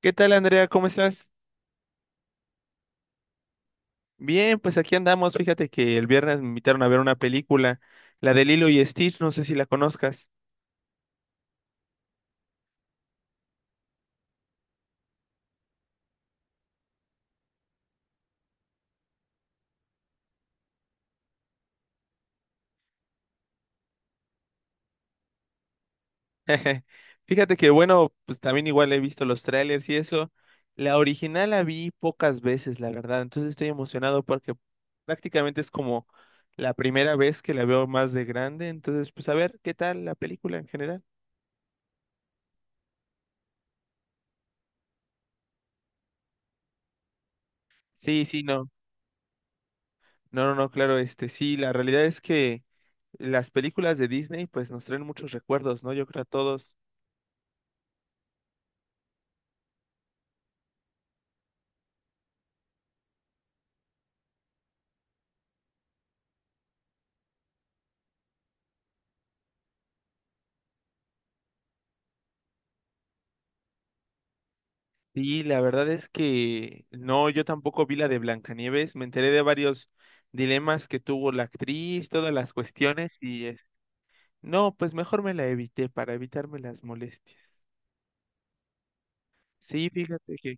¿Qué tal, Andrea? ¿Cómo estás? Bien, pues aquí andamos. Fíjate que el viernes me invitaron a ver una película, la de Lilo y Stitch, no sé si la conozcas. Fíjate que, bueno, pues también igual he visto los trailers y eso. La original la vi pocas veces, la verdad. Entonces estoy emocionado porque prácticamente es como la primera vez que la veo más de grande. Entonces, pues a ver, ¿qué tal la película en general? Sí, sí, no. No, no, no, claro, sí, la realidad es que las películas de Disney pues nos traen muchos recuerdos, ¿no? Yo creo a todos. Sí, la verdad es que no, yo tampoco vi la de Blancanieves, me enteré de varios dilemas que tuvo la actriz, todas las cuestiones no, pues mejor me la evité para evitarme las molestias. Sí, fíjate que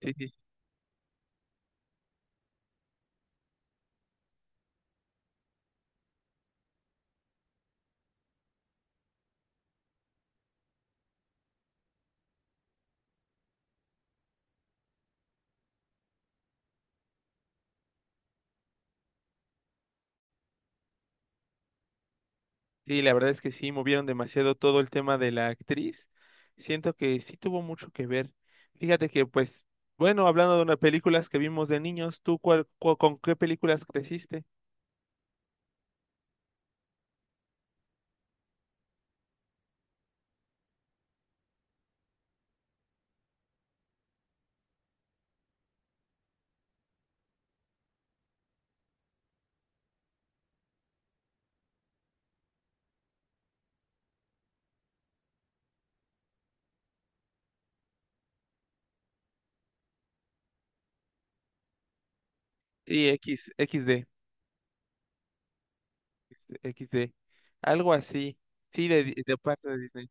sí, sí, sí, la verdad es que sí, movieron demasiado todo el tema de la actriz. Siento que sí tuvo mucho que ver. Fíjate que pues, bueno, hablando de unas películas que vimos de niños, ¿tú cuál, cu- con qué películas creciste? Sí, X, XD. XD. Algo así. Sí, de parte de Disney.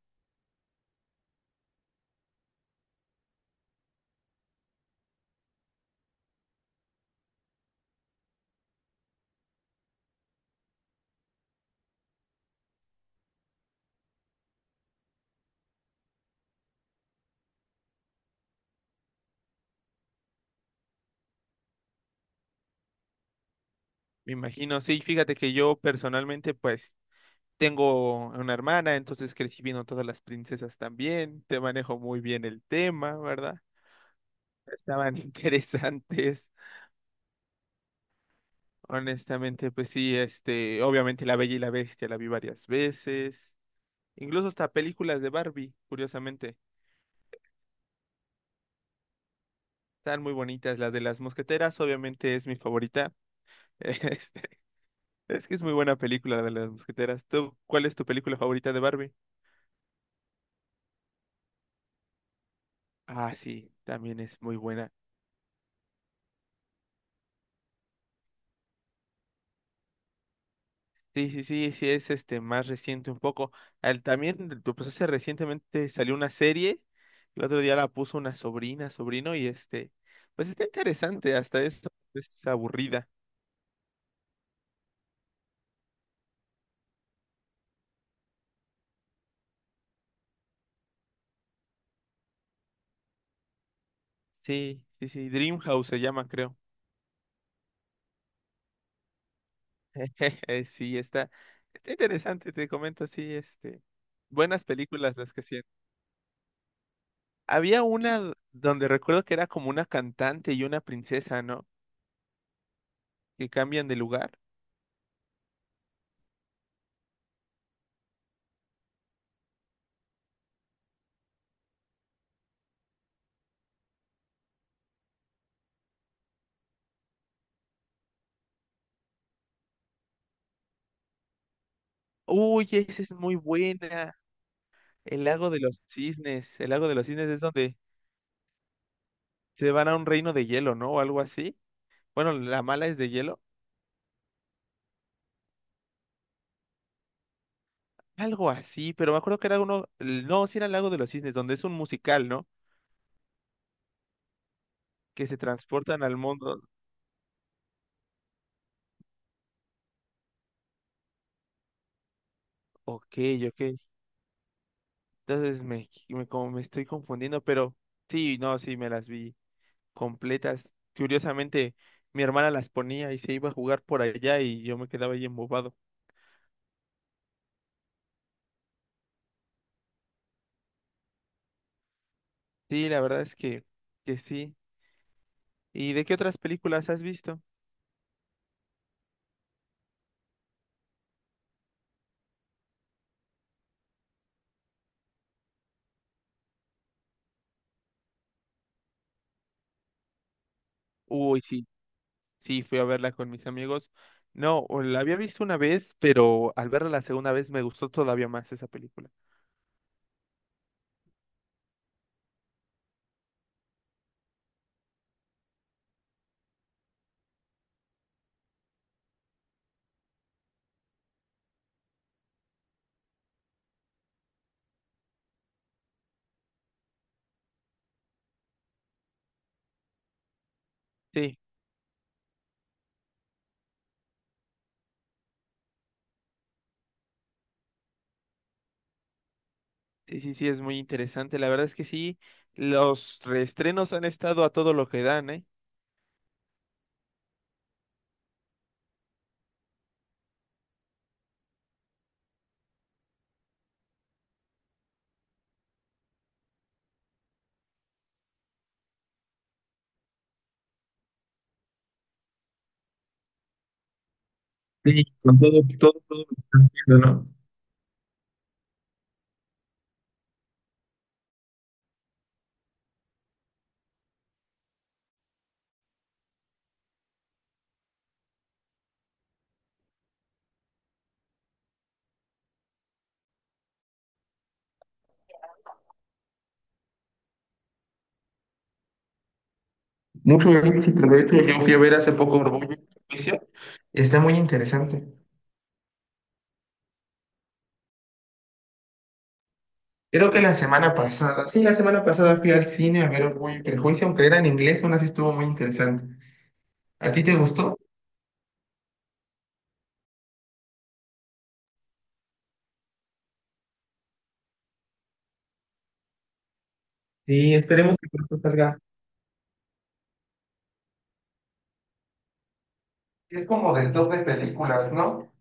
Me imagino. Sí, fíjate que yo personalmente, pues, tengo una hermana, entonces crecí viendo todas las princesas también. Te manejo muy bien el tema, ¿verdad? Estaban interesantes. Honestamente, pues sí, obviamente La Bella y la Bestia la vi varias veces. Incluso hasta películas de Barbie, curiosamente. Están muy bonitas. La de las mosqueteras, obviamente, es mi favorita. este, Es que es muy buena película la de las mosqueteras. ¿Tú, cuál es tu película favorita de Barbie? Ah, sí, también es muy buena. Sí, sí, sí, sí, es más reciente un poco. También, tú, pues hace recientemente salió una serie. El otro día la puso una sobrina, sobrino, pues está interesante, hasta eso es aburrida. Sí, sí, sí, Dreamhouse se llama, creo. Sí, está interesante, te comento, sí, buenas películas las que sí. Había una donde recuerdo que era como una cantante y una princesa, ¿no? Que cambian de lugar. Uy, esa es muy buena. El lago de los cisnes. El lago de los cisnes es donde se van a un reino de hielo, ¿no? O algo así. Bueno, la mala es de hielo. Algo así, pero me acuerdo que era uno. No, sí era el lago de los cisnes, donde es un musical, ¿no? Que se transportan al mundo. Ok, ok. Entonces como me estoy confundiendo, pero sí, no, sí, me las vi completas. Curiosamente, mi hermana las ponía y se iba a jugar por allá y yo me quedaba ahí embobado. Sí, la verdad es que sí. ¿Y de qué otras películas has visto? Uy, sí, sí, fui a verla con mis amigos. No, o la había visto una vez, pero al verla la segunda vez me gustó todavía más esa película. Sí, sí, sí, sí, es muy interesante. La verdad es que sí, los reestrenos han estado a todo lo que dan, ¿eh? Sí, con todo, todo, todo lo que están haciendo, ¿no? Mucho éxito. De hecho, yo fui a ver hace poco Orgullo y Prejuicio. Está muy interesante. Creo que la semana pasada, sí, la semana pasada fui al cine a ver Orgullo y Prejuicio, aunque era en inglés, aún así estuvo muy interesante. ¿A ti te gustó? Sí, esperemos que pronto salga. Es como del top de películas, ¿no?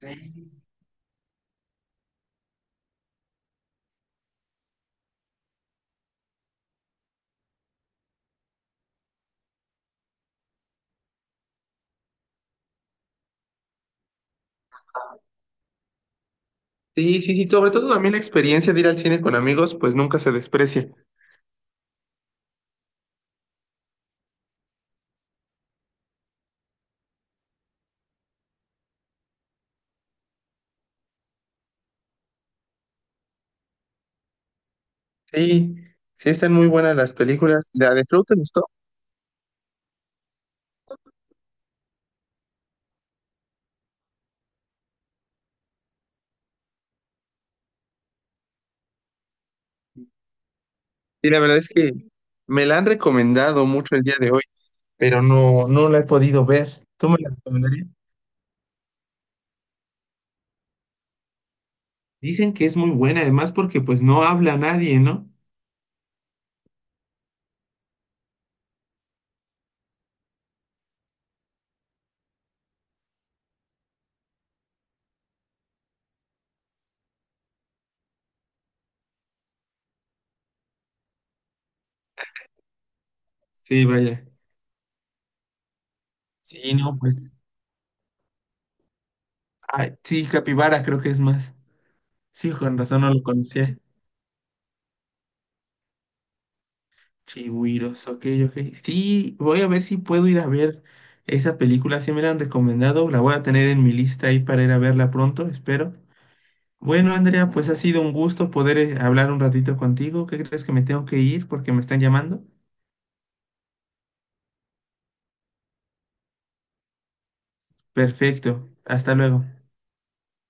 Sí. Sí, sí, sí. Sobre todo también la experiencia de ir al cine con amigos, pues nunca se desprecia. Sí, sí están muy buenas las películas. ¿La de Flow te gustó? Sí, la verdad es que me la han recomendado mucho el día de hoy, pero no, no la he podido ver. ¿Tú me la recomendarías? Dicen que es muy buena, además, porque pues no habla nadie, ¿no? Sí, vaya. Sí, no, pues. Ay, sí, Capibara creo que es más. Sí, con razón no lo conocía. Chihuiros, ok, ok. Sí, voy a ver si puedo ir a ver esa película. Si me la han recomendado. La voy a tener en mi lista ahí para ir a verla pronto, espero. Bueno, Andrea, pues ha sido un gusto poder hablar un ratito contigo. ¿Qué crees que me tengo que ir porque me están llamando? Perfecto, hasta luego.